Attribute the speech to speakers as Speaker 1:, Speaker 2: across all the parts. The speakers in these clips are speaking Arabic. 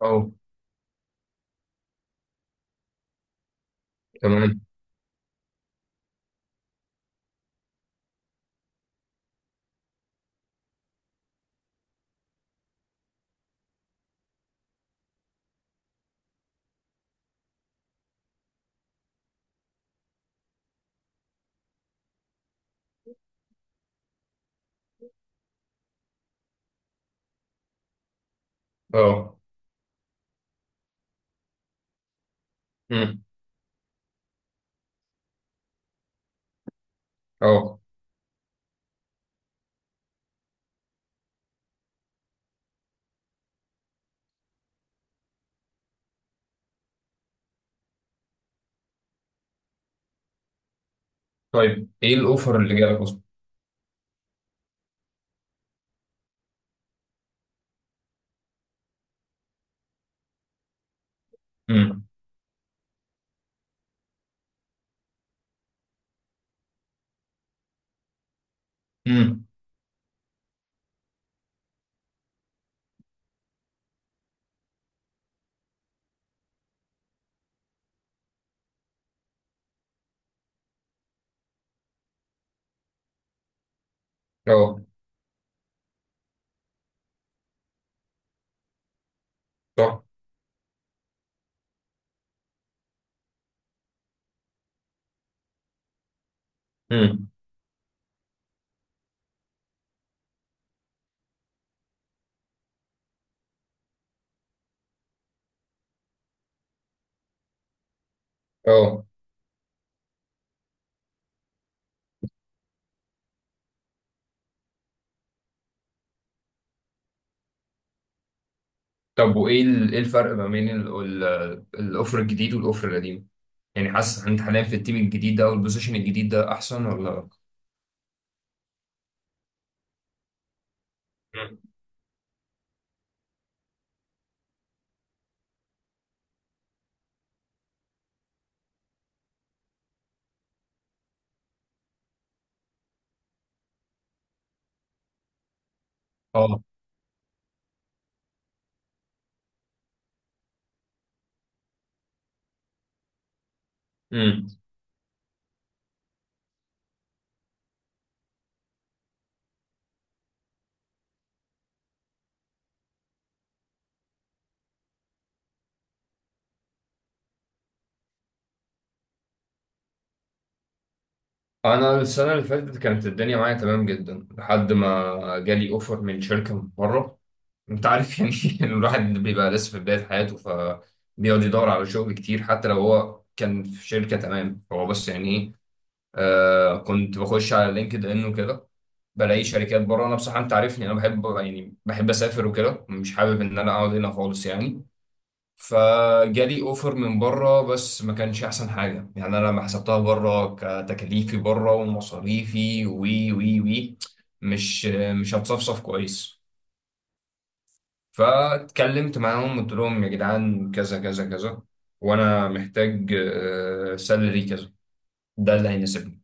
Speaker 1: اه. تمام. اه. امم. اه. طيب، ايه الاوفر اللي جالك اصلا؟ امم. امم. اه. صح. امم. اه. طب وايه ايه الفرق ما بين الاوفر الجديد والاوفر القديم؟ يعني حاسس انت حاليا في التيم الجديد ده او البوزيشن الجديد ده احسن ولا؟ مم. اه. امم. انا السنه اللي فاتت كانت الدنيا معايا تمام جدا لحد ما جالي اوفر من شركه من بره. انت عارف يعني إن الواحد بيبقى لسه في بداية حياته، فبيقعد يدور على شغل كتير حتى لو هو كان في شركة تمام، هو بس يعني ايه. كنت بخش على لينكد ان وكده، بلاقي شركات بره. انا بصراحة، انت عارفني، انا بحب يعني بحب اسافر وكده، مش حابب ان انا اقعد هنا خالص يعني. فجالي اوفر من بره، بس ما كانش احسن حاجة. يعني انا لما حسبتها بره، كتكاليفي بره ومصاريفي وي وي وي، مش مش هتصفصف كويس. فاتكلمت معاهم، قلت لهم يا جدعان كذا كذا كذا، وانا محتاج سالري كذا، ده اللي هيناسبني.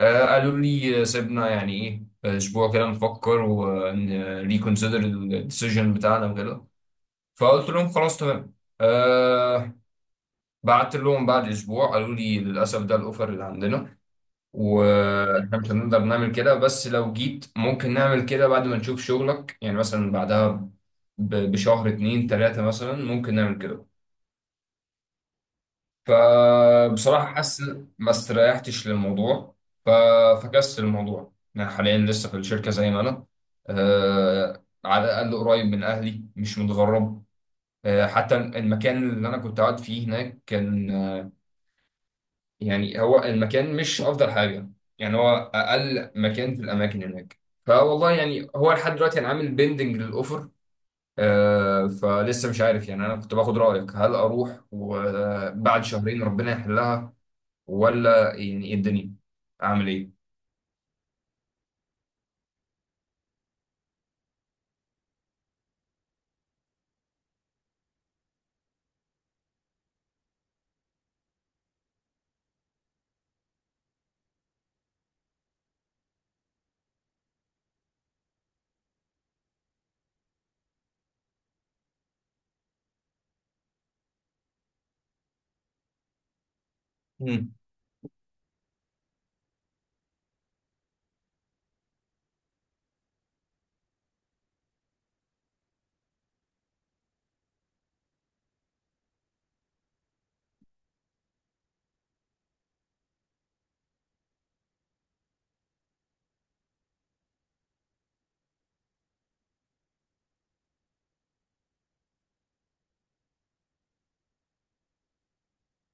Speaker 1: قالوا لي سيبنا يعني ايه اسبوع كده نفكر ونريكونسيدر الديسيجن بتاعنا وكده. فقلت لهم خلاص تمام. أه. بعت لهم بعد اسبوع، قالوا لي للاسف ده الاوفر اللي عندنا، واحنا مش هنقدر نعمل كده، بس لو جيت ممكن نعمل كده بعد ما نشوف شغلك، يعني مثلا بعدها بشهر 2 3 مثلا ممكن نعمل كده. فبصراحة حاسس إن ما استريحتش للموضوع. ففكست الموضوع. أنا حاليا لسه في الشركة زي ما أنا. أه، على الأقل قريب من أهلي، مش متغرب. أه، حتى المكان اللي أنا كنت قاعد فيه هناك كان يعني هو المكان مش افضل حاجه، يعني هو اقل مكان في الاماكن هناك. فوالله يعني هو لحد دلوقتي انا عامل بيندنج للاوفر. فلسه مش عارف. يعني انا كنت باخد رايك، هل اروح وبعد شهرين ربنا يحلها، ولا يعني ايه الدنيا، اعمل ايه؟ امم.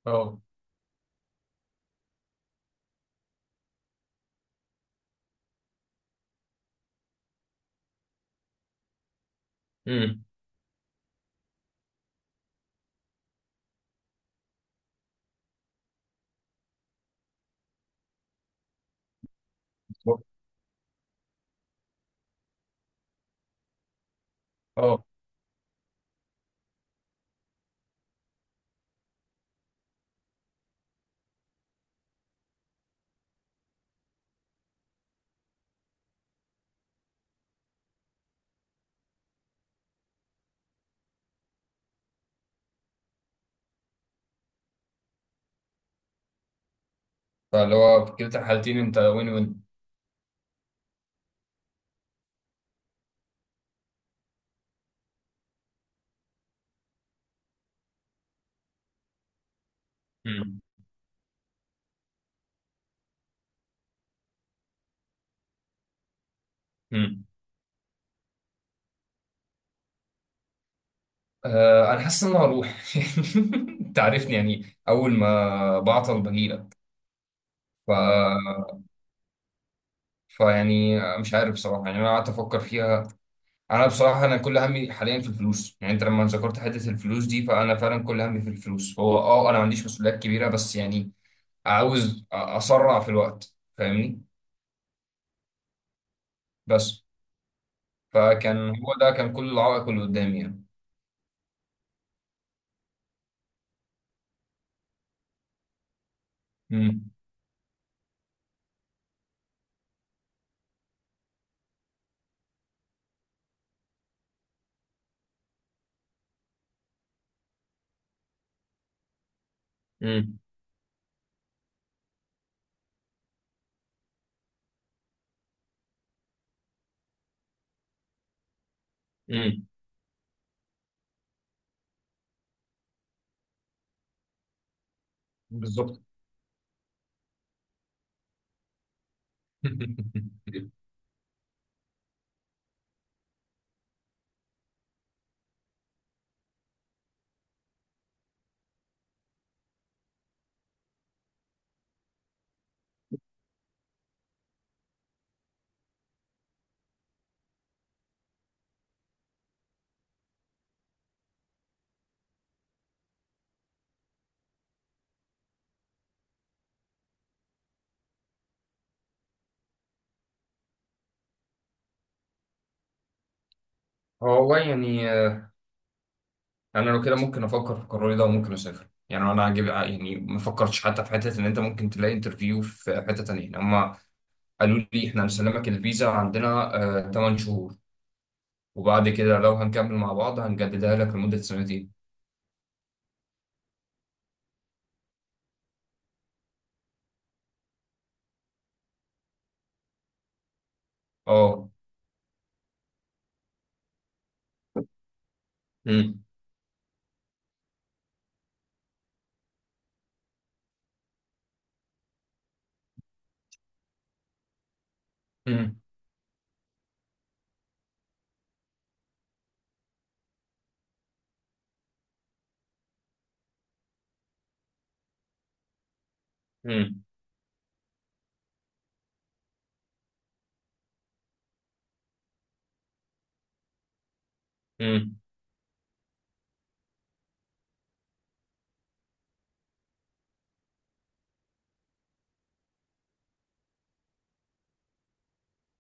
Speaker 1: اه. امم. اه. فاللي هو في كلتا الحالتين انت وين وين. امم. امم. انا حاسس ان انا هروح. انت عارفني، يعني اول ما بعطل بجيلك. فيعني مش عارف بصراحة. يعني أنا قعدت أفكر فيها. أنا بصراحة أنا كل همي حاليا في الفلوس. يعني أنت لما ذكرت حتة الفلوس دي، فأنا فعلا كل همي في الفلوس. هو أه أنا ما عنديش مسؤوليات كبيرة، بس يعني عاوز أسرع في الوقت، فاهمني؟ بس. فكان هو ده كان كل العائق اللي قدامي يعني. امم. امم. امم. بالظبط. هو والله يعني أنا لو كده ممكن أفكر في قراري ده وممكن أسافر. يعني أنا عاجب، يعني ما فكرتش حتى في حتة إن أنت ممكن تلاقي انترفيو في حتة تانية. هم قالوا لي احنا هنسلمك الفيزا عندنا آه 8 شهور، وبعد كده لو هنكمل مع بعض هنجددها لك لمدة سنتين. اه. امم. امم. امم. امم.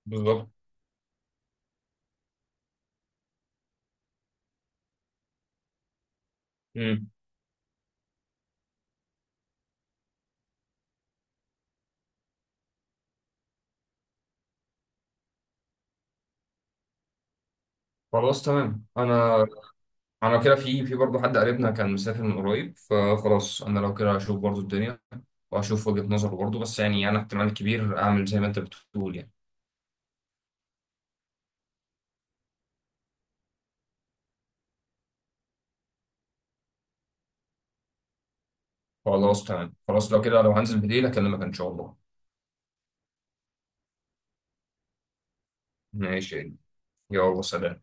Speaker 1: بالظبط. امم. خلاص تمام. انا كده في برضه حد قريبنا كان مسافر من قريب، فخلاص انا لو كده هشوف برضه الدنيا وهشوف وجهة نظره برضه، بس يعني انا احتمال كبير اعمل زي ما انت بتقول يعني. خلاص تمام، خلاص. لو كده، لو هنزل بالليل اكلمك ان شاء الله. ماشي. يلا سلام.